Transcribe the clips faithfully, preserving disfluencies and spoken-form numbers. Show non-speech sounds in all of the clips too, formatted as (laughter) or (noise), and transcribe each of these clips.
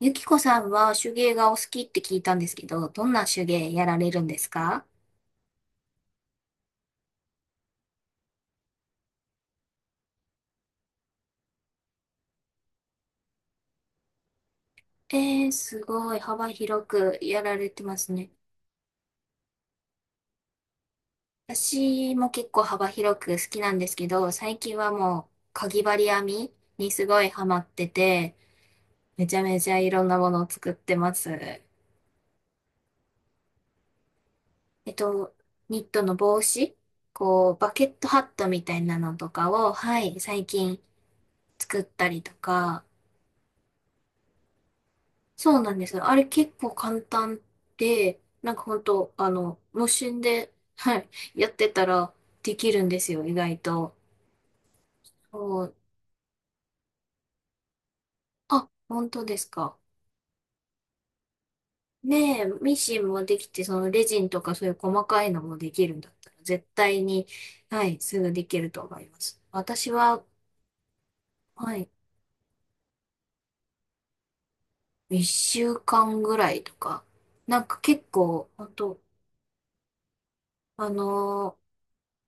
ゆきこさんは手芸がお好きって聞いたんですけど、どんな手芸やられるんですか？えー、すごい幅広くやられてますね。私も結構幅広く好きなんですけど、最近はもう、かぎ針編みにすごいハマってて、めちゃめちゃいろんなものを作ってます。えっと、ニットの帽子、こう、バケットハットみたいなのとかを、はい、最近作ったりとか、そうなんですよ。あれ結構簡単で、なんか本当あの、無心で、はい、やってたらできるんですよ、意外と。そう、あ、本当ですか。ねえ、ミシンもできて、そのレジンとかそういう細かいのもできるんだったら、絶対に、はい、すぐできると思います。私は、はい、いっしゅうかんぐらいとか、なんか結構、本当あの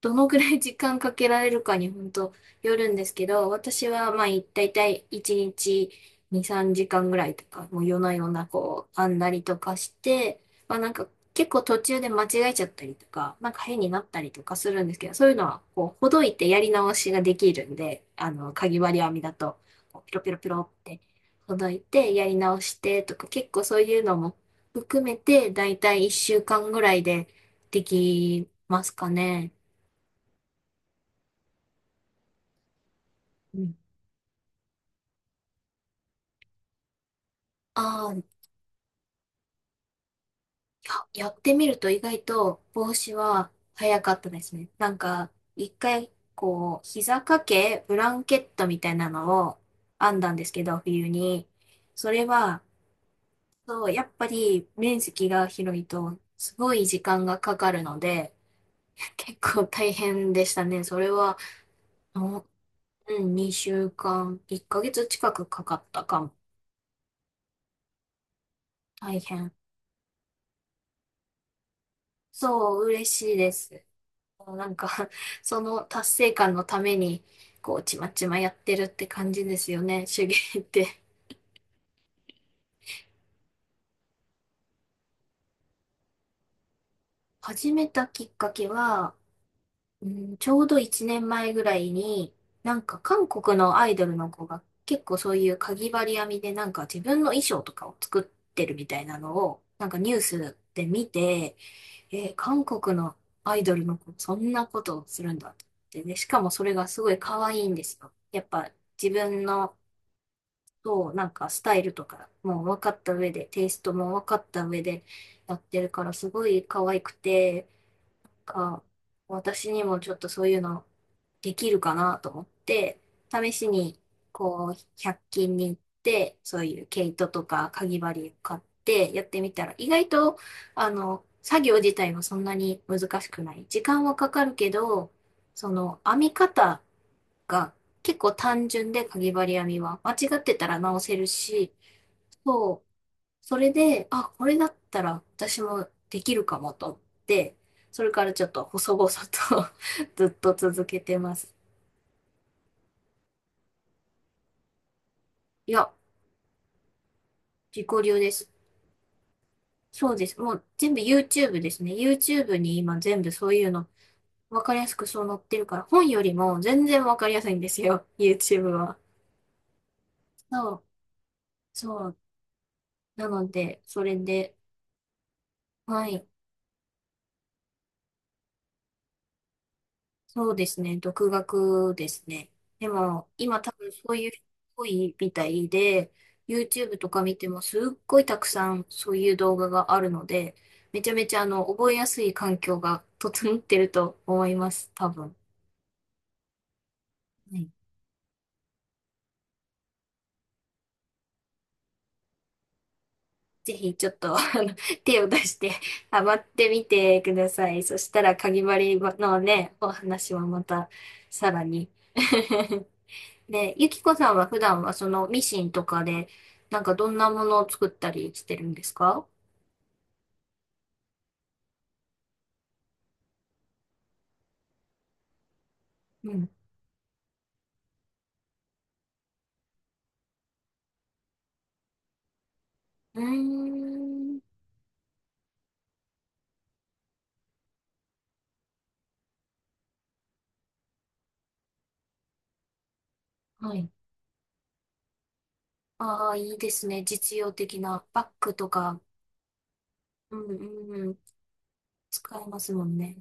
どのぐらい時間かけられるかに本当よるんですけど、私はまあい大体いちにちに、さんじかんぐらいとか、もう夜な夜なこう、編んだりとかして、まあなんか結構途中で間違えちゃったりとか、なんか変になったりとかするんですけど、そういうのはこう、ほどいてやり直しができるんで、あの、かぎ針編みだと、こうピロピロピロってほどいてやり直してとか、結構そういうのも含めて、大体いっしゅうかんぐらいでできますかね。うん、あー、あ、やってみると意外と帽子は早かったですね。なんか、いっかい、こう、膝掛け、ブランケットみたいなのを編んだんですけど、冬に。それは、そう、やっぱり面積が広いと、すごい時間がかかるので、(laughs) 結構大変でしたね。それは、もう、うん、にしゅうかん、いっかげつ近くかかったかも。大変。そう、嬉しいです。なんか (laughs) その達成感のために、こう、ちまちまやってるって感じですよね、手芸って。始めたきっかけは、うん、ちょうどいちねんまえぐらいに、なんか韓国のアイドルの子が結構そういうかぎ針編みでなんか自分の衣装とかを作ってるみたいなのを、なんかニュースで見て、えー韓国のアイドルの子、そんなことをするんだって。で、しかもそれがすごい可愛いんですよ。やっぱ自分のそう、なんかスタイルとかもう分かった上で、テイストも分かった上でやってるから、すごい可愛くて、か、私にもちょっとそういうのできるかなと思って、試しに、こう、ひゃっ均に行って、そういう毛糸とかかぎ針を買ってやってみたら、意外と、あの、作業自体はそんなに難しくない。時間はかかるけど、その、編み方が結構単純で、かぎ針編みは。間違ってたら直せるし、そう、それで、あ、これだったら私もできるかもと思って、それからちょっと細々と (laughs) ずっと続けてます。いや、自己流です。そうです。もう全部 YouTube ですね。YouTube に今全部そういうの、わかりやすくそう載ってるから、本よりも全然わかりやすいんですよ。YouTube は。そう、そう。なので、それで、はい。そうですね。独学ですね。でも、今多分そういう人多いみたいで、YouTube とか見てもすっごいたくさんそういう動画があるので、めちゃめちゃあの、覚えやすい環境が整ってると思います。多分。はい。ぜひちょっと、あの、(laughs) 手を出してハマってみてください。そしたら、かぎ針のね、お話はまたさらに (laughs) で、ゆきこさんは普段はそのミシンとかで、なんかどんなものを作ったりしてるんですか？うん。うーん。はい。ああ、いいですね。実用的なバッグとか、うんうんうん。使えますもんね。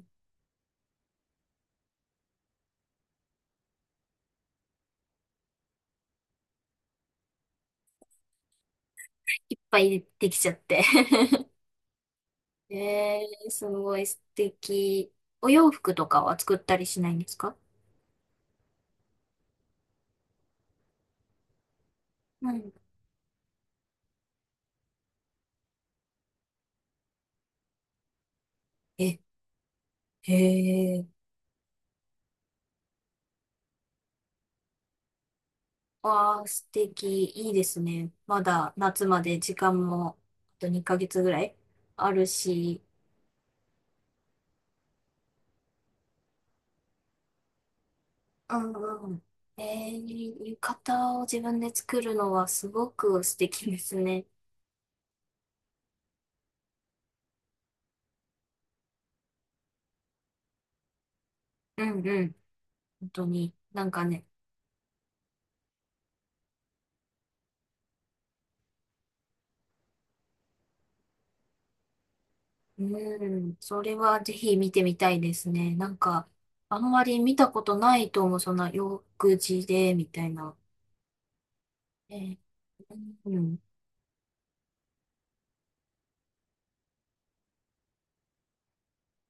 いっぱいできちゃって。(laughs) えー、すごい素敵。お洋服とかは作ったりしないんですか？うん。え、へえ。わあ、素敵。いいですね。まだ夏まで時間もあとにかげつぐらいあるし。うんうん。えー、浴衣を自分で作るのはすごく素敵ですね。うんうん。本当に。なんかね。うん。それはぜひ見てみたいですね。なんか、あんまり見たことないと思う。そんな洋服地で、みたいな。えー、うん。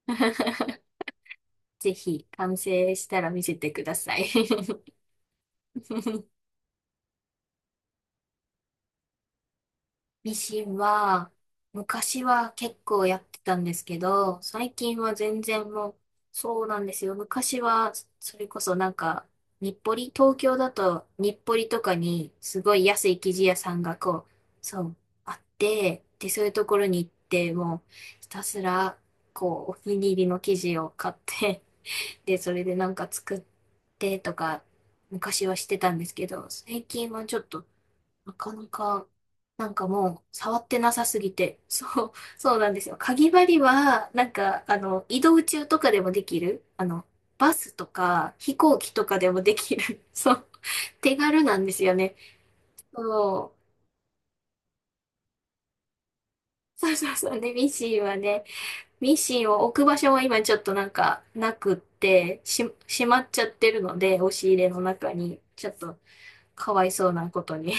(laughs) ぜひ、完成したら見せてください。(laughs) ミシンは、昔は結構やってたんですけど、最近は全然もう、そうなんですよ。昔は、それこそなんか、日暮里、東京だと日暮里とかに、すごい安い生地屋さんがこう、そう、あって、で、そういうところに行って、もう、ひたすら、こう、お気に入りの生地を買って、(laughs) で、それでなんか作ってとか、昔はしてたんですけど、最近はちょっとなかなか、なんかもう、触ってなさすぎて。(laughs) そう、そうなんですよ。かぎ針は、なんか、あの、移動中とかでもできる。あの、バスとか、飛行機とかでもできる。(laughs) そう、手軽なんですよね。そう。そうそうそう。で、ミシンはね、ミシンを置く場所は今ちょっとなんか、なくって、し、しまっちゃってるので、押し入れの中に、ちょっと、かわいそうなことに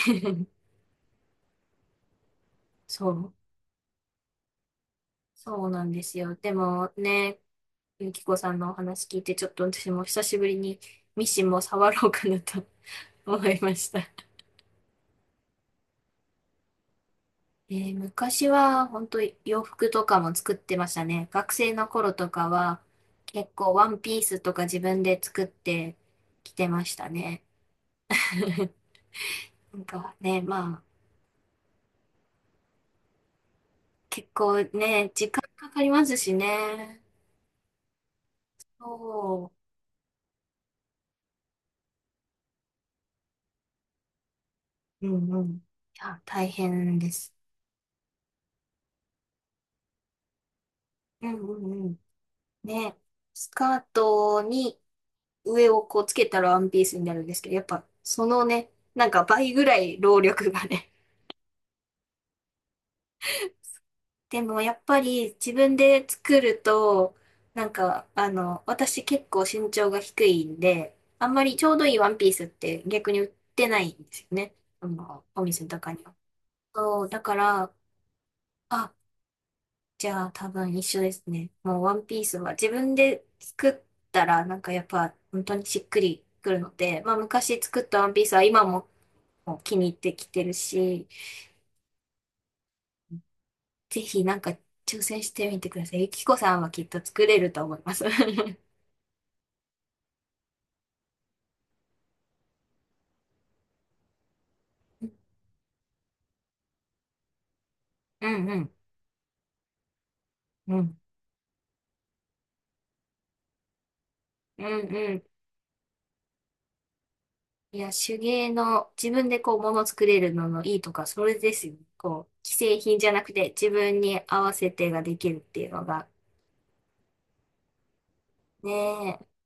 (laughs) そう。そうなんですよ。でもね、ゆきこさんのお話聞いて、ちょっと私も久しぶりにミシンも触ろうかなと (laughs) 思いました。えー昔は本当洋服とかも作ってましたね。学生の頃とかは結構ワンピースとか自分で作ってきてましたね。(laughs) なんかね、まあ結構ね、時間かかりますしね。そう。うんうん。いや、大変です。うんうんうん。ね、スカートに上をこうつけたらワンピースになるんですけど、やっぱそのね、なんか倍ぐらい労力がね。(laughs) でもやっぱり自分で作ると、なんかあの、私結構身長が低いんで、あんまりちょうどいいワンピースって逆に売ってないんですよね。あの、お店とかには。そう、だから、あ、じゃあ多分一緒ですね。もうワンピースは自分で作ったらなんかやっぱ本当にしっくりくるので、まあ昔作ったワンピースは今ももう気に入ってきてるし、ぜひなんか挑戦してみてください。ゆきこさんはきっと作れると思います。(laughs) うんうん。うん。うんうん。いや、手芸の自分でこう物作れるののいいとか、それですよ。こう、既製品じゃなくて自分に合わせてができるっていうのが。ねえ。